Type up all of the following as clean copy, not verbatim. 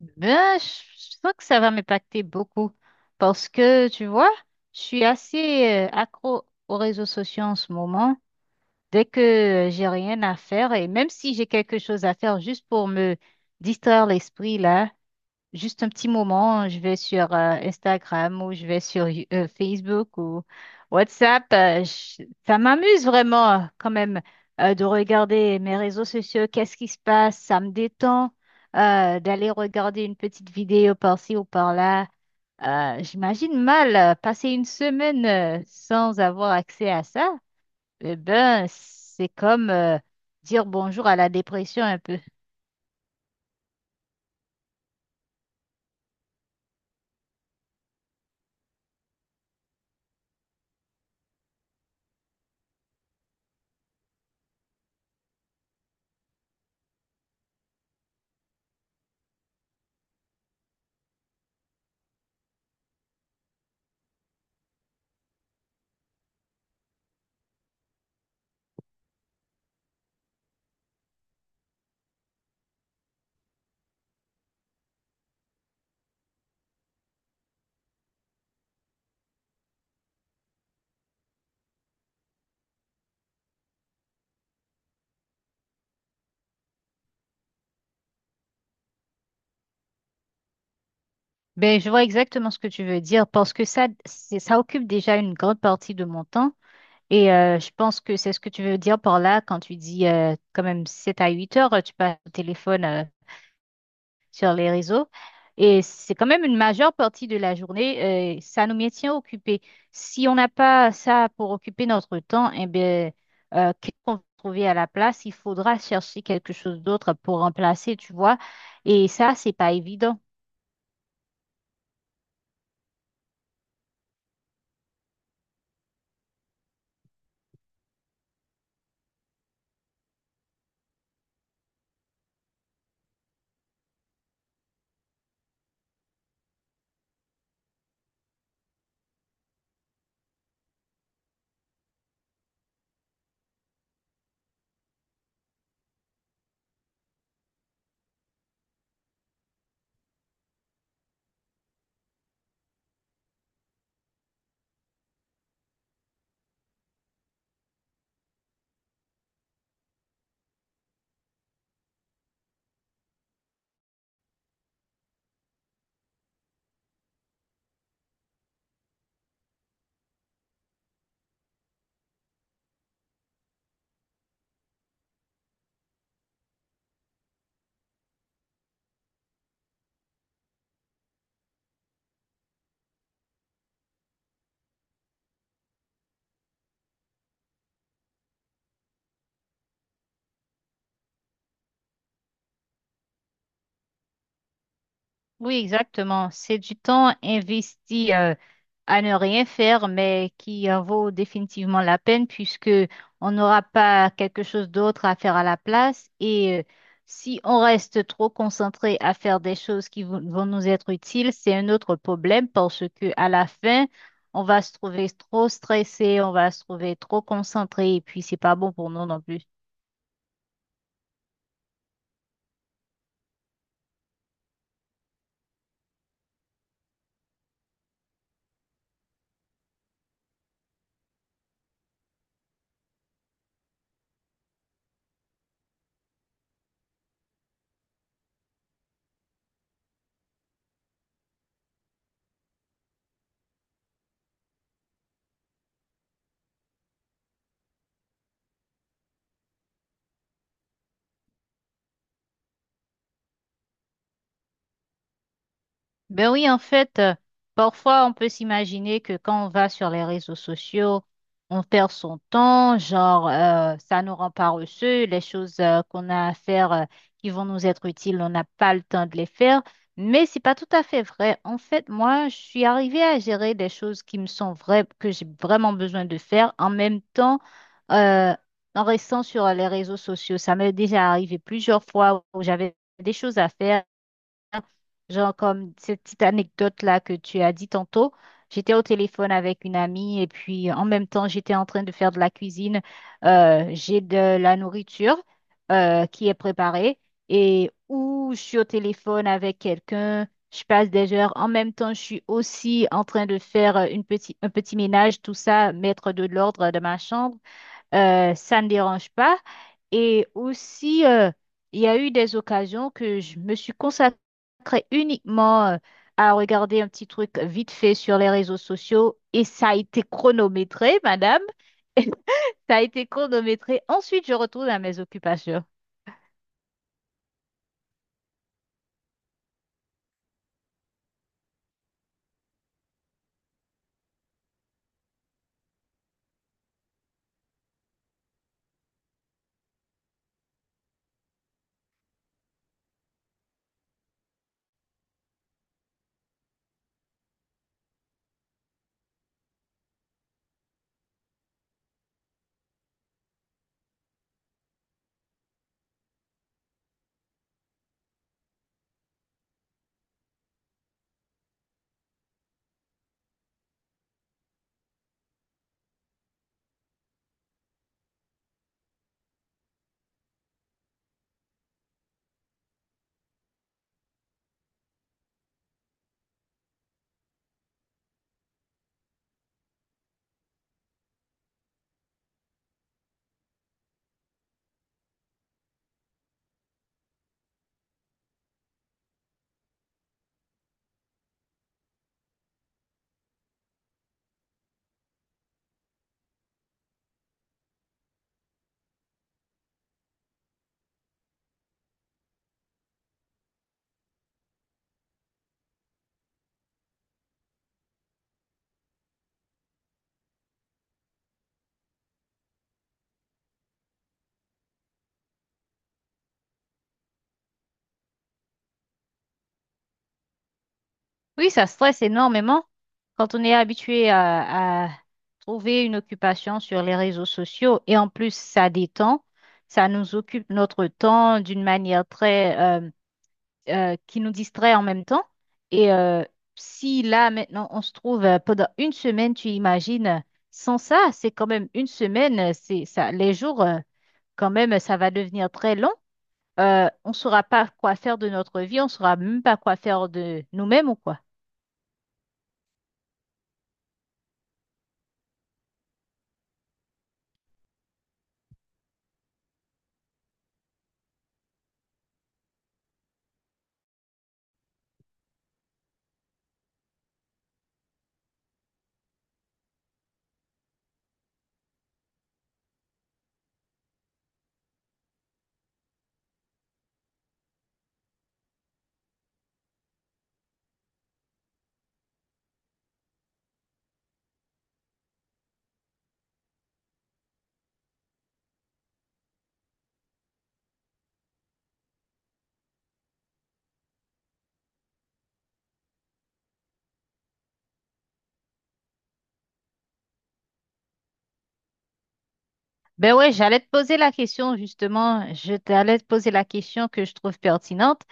Ben, je sens que ça va m'impacter beaucoup parce que, tu vois, je suis assez accro aux réseaux sociaux en ce moment. Dès que j'ai rien à faire et même si j'ai quelque chose à faire juste pour me distraire l'esprit là, juste un petit moment, je vais sur Instagram ou je vais sur Facebook ou WhatsApp. Ça m'amuse vraiment quand même de regarder mes réseaux sociaux, qu'est-ce qui se passe, ça me détend d'aller regarder une petite vidéo par-ci ou par-là. J'imagine mal passer une semaine sans avoir accès à ça. Eh ben, c'est comme dire bonjour à la dépression un peu. Ben, je vois exactement ce que tu veux dire parce que ça, ça occupe déjà une grande partie de mon temps et je pense que c'est ce que tu veux dire par là quand tu dis quand même 7 à 8 heures, tu passes au téléphone sur les réseaux et c'est quand même une majeure partie de la journée, ça nous maintient occupés. Si on n'a pas ça pour occuper notre temps, eh ben, qu'est-ce qu'on va trouver à la place? Il faudra chercher quelque chose d'autre pour remplacer, tu vois, et ça, c'est pas évident. Oui, exactement. C'est du temps investi à ne rien faire, mais qui en vaut définitivement la peine puisque on n'aura pas quelque chose d'autre à faire à la place. Et si on reste trop concentré à faire des choses qui vont nous être utiles, c'est un autre problème parce que à la fin, on va se trouver trop stressé, on va se trouver trop concentré et puis c'est pas bon pour nous non plus. Ben oui, en fait, parfois on peut s'imaginer que quand on va sur les réseaux sociaux, on perd son temps, genre ça nous rend paresseux, les choses qu'on a à faire qui vont nous être utiles, on n'a pas le temps de les faire. Mais c'est pas tout à fait vrai. En fait, moi, je suis arrivée à gérer des choses qui me sont vraies, que j'ai vraiment besoin de faire, en même temps euh, en restant sur les réseaux sociaux. Ça m'est déjà arrivé plusieurs fois où j'avais des choses à faire. Genre comme cette petite anecdote-là que tu as dit tantôt, j'étais au téléphone avec une amie et puis en même temps, j'étais en train de faire de la cuisine. J'ai de la nourriture qui est préparée et ou je suis au téléphone avec quelqu'un, je passe des heures. En même temps, je suis aussi en train de faire un petit ménage, tout ça, mettre de l'ordre dans ma chambre ça ne dérange pas. Et aussi, il y a eu des occasions que je me suis consacrée uniquement à regarder un petit truc vite fait sur les réseaux sociaux et ça a été chronométré, madame. Et ça a été chronométré. Ensuite, je retourne à mes occupations. Oui, ça stresse énormément quand on est habitué à trouver une occupation sur les réseaux sociaux et en plus, ça détend. Ça nous occupe notre temps d'une manière très, qui nous distrait en même temps. Et si là, maintenant, on se trouve pendant une semaine, tu imagines, sans ça, c'est quand même une semaine, c'est ça, les jours, quand même, ça va devenir très long. On ne saura pas quoi faire de notre vie, on ne saura même pas quoi faire de nous-mêmes ou quoi. Ben ouais, j'allais te poser la question justement, je t'allais te poser la question que je trouve pertinente,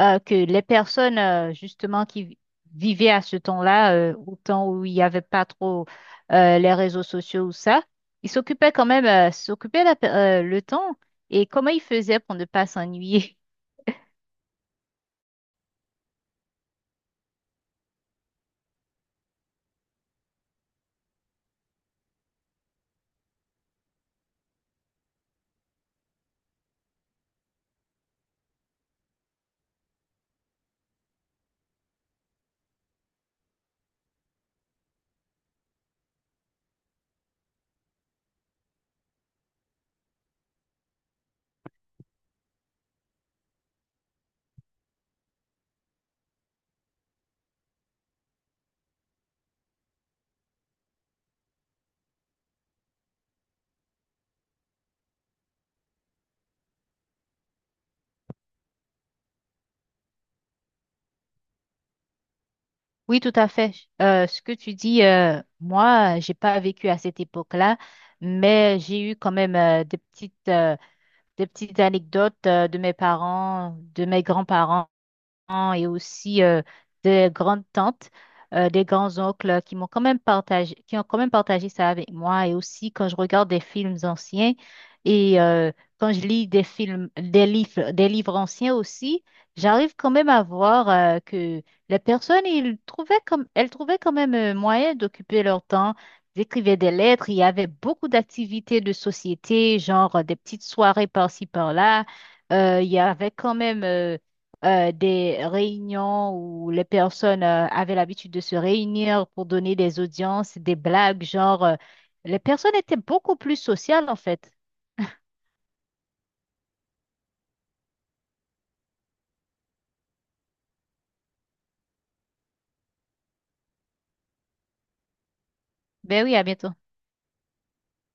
que les personnes justement qui vivaient à ce temps-là, au temps où il n'y avait pas trop les réseaux sociaux ou ça, ils s'occupaient quand même, le temps et comment ils faisaient pour ne pas s'ennuyer? Oui, tout à fait. Ce que tu dis, moi, j'ai pas vécu à cette époque-là, mais j'ai eu quand même des petites anecdotes de mes parents, de mes grands-parents et aussi des grandes-tantes, des grands-oncles qui m'ont quand même partagé, qui ont quand même partagé ça avec moi. Et aussi quand je regarde des films anciens et quand je lis des films, des livres anciens aussi, j'arrive quand même à voir que les personnes, elles trouvaient quand même moyen d'occuper leur temps. Ils écrivaient des lettres, il y avait beaucoup d'activités de société, genre des petites soirées par-ci par-là. Il y avait quand même des réunions où les personnes avaient l'habitude de se réunir pour donner des audiences, des blagues, les personnes étaient beaucoup plus sociales en fait. Ben oui, à bientôt.